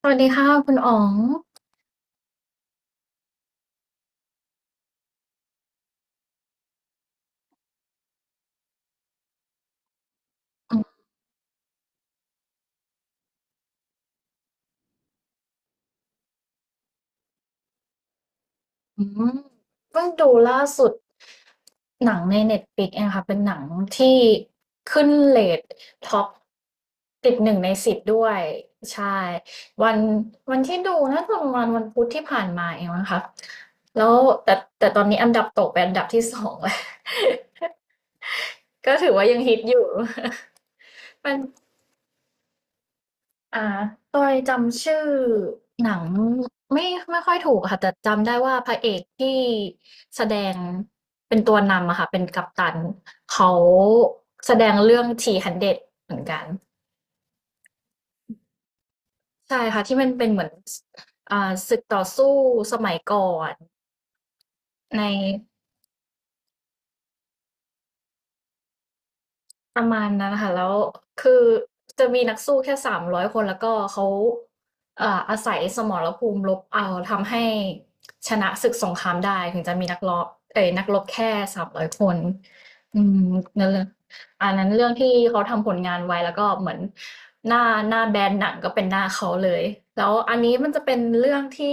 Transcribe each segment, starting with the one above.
สวัสดีค่ะคุณอ๋องอืมเพิ่งดูล่าสุดหนังในเน็ต l i ิกเองค่ะเป็นหนังที่ขึ้นเรทท็อปติดหนึ่งในสิบด้วยใช่วันที่ดูน่าจะประมาณวันพุธที่ผ่านมาเองนะคะแล้วแต่แต่ตอนนี้อันดับตกไปอันดับที่สอง แล้ว ก็ถือว่ายังฮิตอยู่ มัน อ่าโดยจำชื่อหนังไม่ไม่ค่อยถูกอะค่ะแต่จำได้ว่าพระเอกที่แสดงเป็นตัวนำอะค่ะเป็นกัปตันเขาแสดงเรื่องที300เดรดเหมือนกันใช่ค่ะที่มันเป็นเหมือนอ่าศึกต่อสู้สมัยก่อนใน ประมาณนั้นค่ะแล้วคือจะมีนักสู้แค่300คนแล้วก็เขาอาศัยสมรภูมิรบเอาทำให้ชนะศึกสงครามได้ถึงจะมีนักรบเอ่ยนักรบแค่300คนอืมนั่นเลยอันนั้นเรื่องที่เขาทำผลงานไว้แล้วก็เหมือนหน้าหน้าแบรนด์หนังก็เป็นหน้าเขาเลยแล้วอันนี้มันจะเป็นเรื่องที่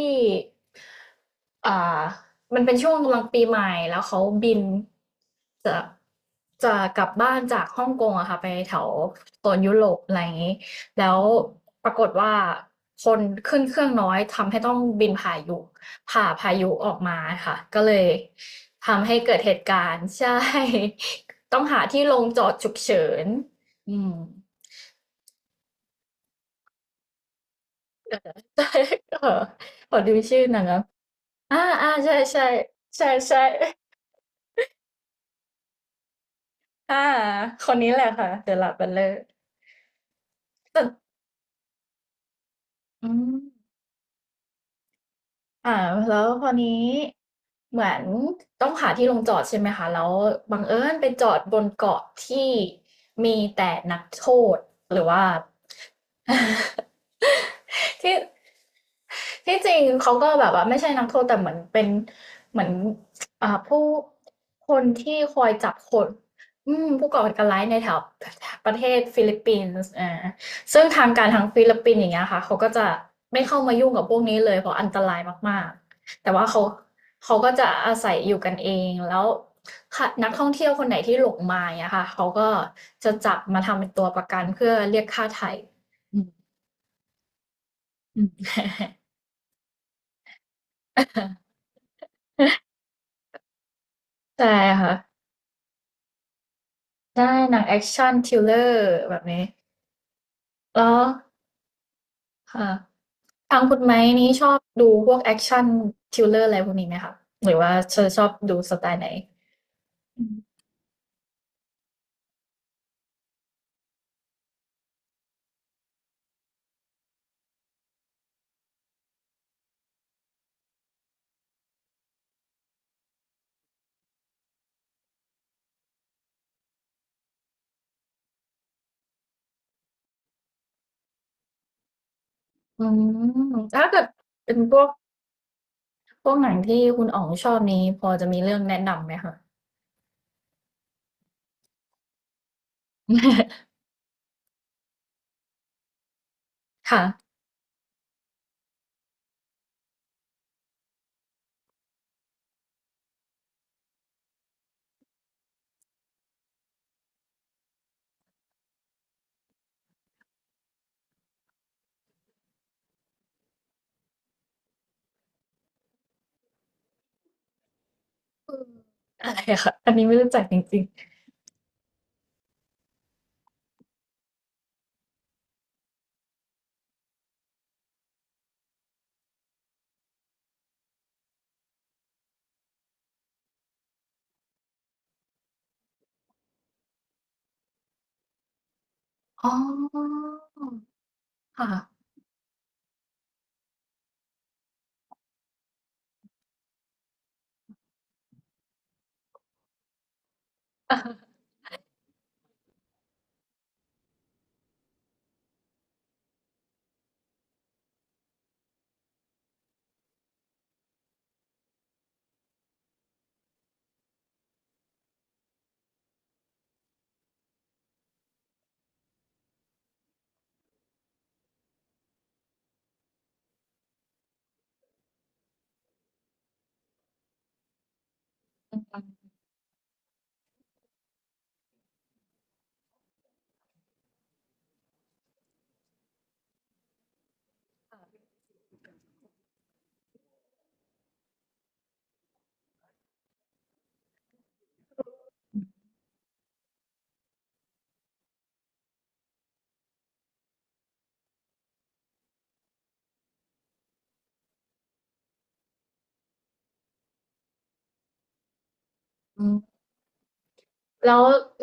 อ่า มันเป็นช่วงกำลังปีใหม่แล้วเขาบินจะจะกลับบ้านจากฮ่องกงอะค่ะไปแถวโซนยุโรปอะไรอย่างนี้แล้วปรากฏว่าคนขึ้นเครื่องน้อยทำให้ต้องบินผ่าพายุออกมาค่ะก็เลยทำให้เกิดเหตุการณ์ใช่ ต้องหาที่ลงจอดฉุกเฉินอืมเออ ใช่เออขอดูชื่อหนังอ้ะอ่าใช่ใช่ใช่ใช่ อ่าคนนี้แหละค่ะ The Lavender แต่อืมอ่าแล้วคราวนี้เหมือนต้องหาที่ลงจอดใช่ไหมคะแล้วบังเอิญไปจอดบนเกาะที่มีแต่นักโทษหรือว่า ที่ที่จริงเขาก็แบบว่าไม่ใช่นักโทษแต่เหมือนเป็นเหมือนผู้คนที่คอยจับคนอืมผู้ก่อการร้ายในแถวประเทศฟิลิปปินส์อ่าซึ่งทางการทางฟิลิปปินส์อย่างเงี้ยค่ะเขาก็จะไม่เข้ามายุ่งกับพวกนี้เลยเพราะอันตรายมากๆแต่ว่าเขาก็จะอาศัยอยู่กันเองแล้วค่ะนักท่องเที่ยวคนไหนที่หลงมาอย่างเงี้ยค่ะเขาก็จะจับมาทำเป็นตัวประกันเพื่อเรียกค่าไถ่อืมอืม ใช่ค่ะได้หนังแอคชั่นทริลเลอร์แบบนี้แล้วค่ะทางคุณไม้นี้ชอบดูพวกแอคชั่นทริลเลอร์อะไรพวกนี้ไหมคะหรือว่าเธอชอบดูสไตล์ไหนอืมถ้าเกิดเป็นพวกหนังที่คุณอ๋องชอบนี้พอจะมีเรื่องแนะนำไหมคะ ค่ะอืออะไรอะค่ะอันนี้ไม่รู้จักจริงๆอ๋อค่ะ อืม แล้วเ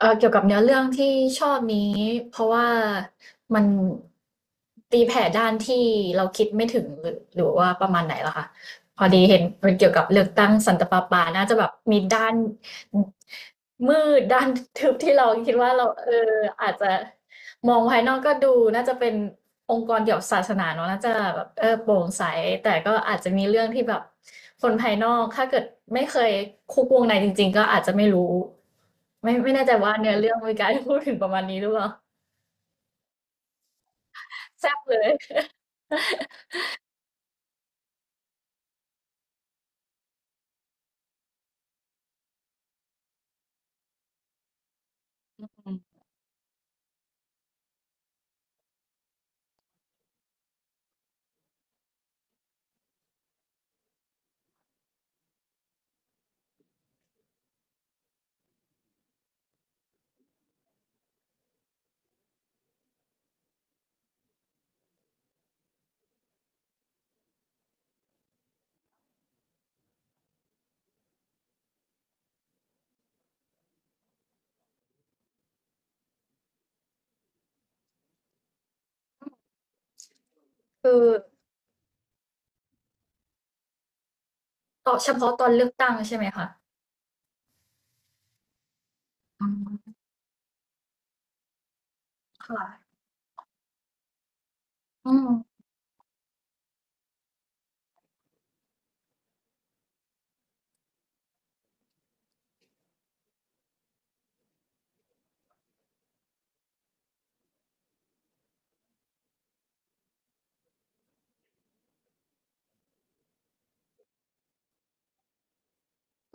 เกี่ยวกับเนื้อเรื่องที่ชอบนี้เพราะว่ามันตีแผ่ด้านที่เราคิดไม่ถึงหรือว่าประมาณไหนล่ะคะพอดีเห็นมันเกี่ยวกับเลือกตั้งสันตะปาปาน่าจะแบบมีด้านมืดด้านทึบที่เราคิดว่าเราอาจจะมองภายนอกก็ดูน่าจะเป็นองค์กรเกี่ยวกับศาสนาเนอะน่าจะแบบเออโปร่งใสแต่ก็อาจจะมีเรื่องที่แบบคนภายนอกถ้าเกิดไม่เคยคุกวงในจริงๆก็อาจจะไม่รู้ ไม่แน่ใจว่าเนื้อเรื่องมีการพูดถึงประมาณนี้หรือเปล่า แซ่บเลยอืมคือเฉพาะตอนเลือกตั้งใช่ไหมคะอืมค่ะอืม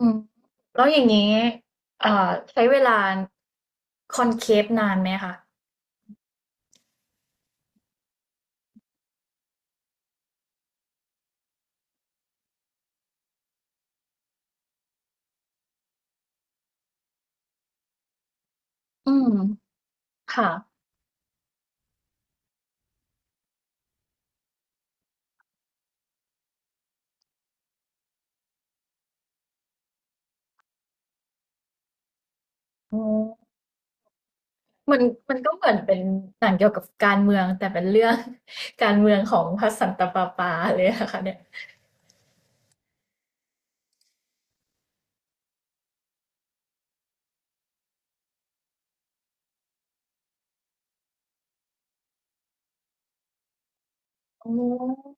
อืมแล้วอย่างงี้เอ่อใช้เวลาคอนเคฟนานไหมคะอืมค่ะอ๋อมันก็เหมือนเป็นหนังเกี่ยวกับการเมืองแต่เป็นเรื่อง การเมืองของพระสันตะปาปาเลยนะคะเนี่ยอ๋อ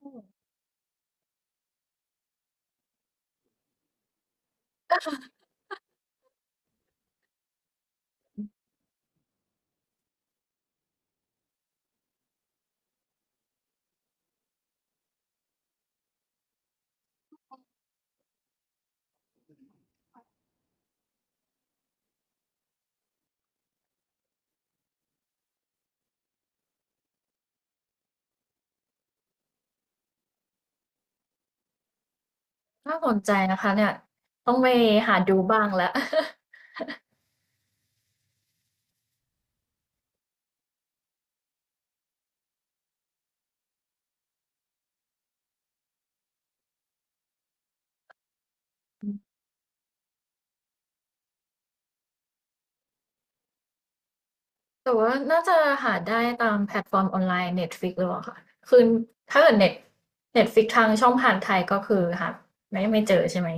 น่าสนใจนะคะเนี่ยต้องไปหาดูบ้างแล้ว แต่ว่าน่าจะหาได้ตามแพลตฟอร์มออนไลน์ Netflix หรือเปล่าคะคือถ้าเกิดเน็ต Netflix ทางช่องผ่านไทยก็คือหาไม่เจอใช่ไหม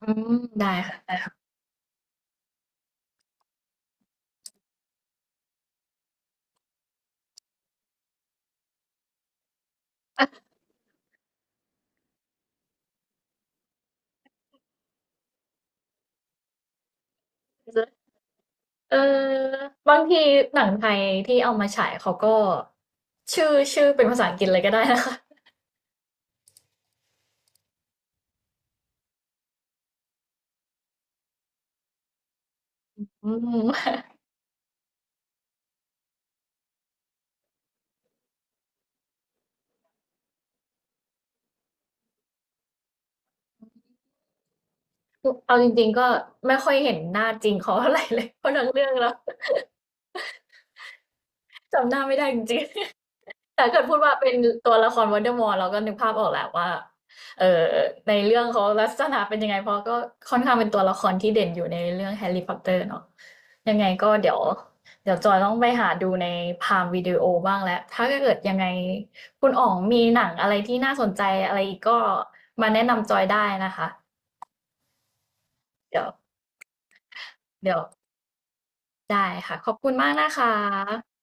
อืมได้ค่ะได้ค่ะเออบางทีหนังไทยที่เอามาฉายเขาก็ชื่อเป็นภาษาอังกฤษเลยก็ได้นะคะอืมเอาจริงๆก็ไม่ค่อยเห็นหน้าจริงเขาเท่าไหร่เลยเพราะทั้งเรื่องแล้วจำหน้าไม่ได้จริง แต่เกิดพูดว่าเป็นตัวละครว o นเดอร์มอร์เราก็นึกภาพออกแหละว่าเอ่อในเรื่องเขาลักษณะเป็นยังไงเพราะก็ค่อนข้างเป็นตัวละครที่เด่นอยู่ในเรื่องแฮร์รี่พอตเตอร์เนาะยังไงก็เดี๋ยวจอยต้องไปหาดูในพามวิดีโอบ้างแล้วถ้าเกิดยังไงคุณอ๋องมีหนังอะไรที่น่าสนใจอะไรอีกก็มาแนะนำจอยได้นะคะเดี๋ยวเดี๋ยวได้ค่ะขอบคุณมากนะคะ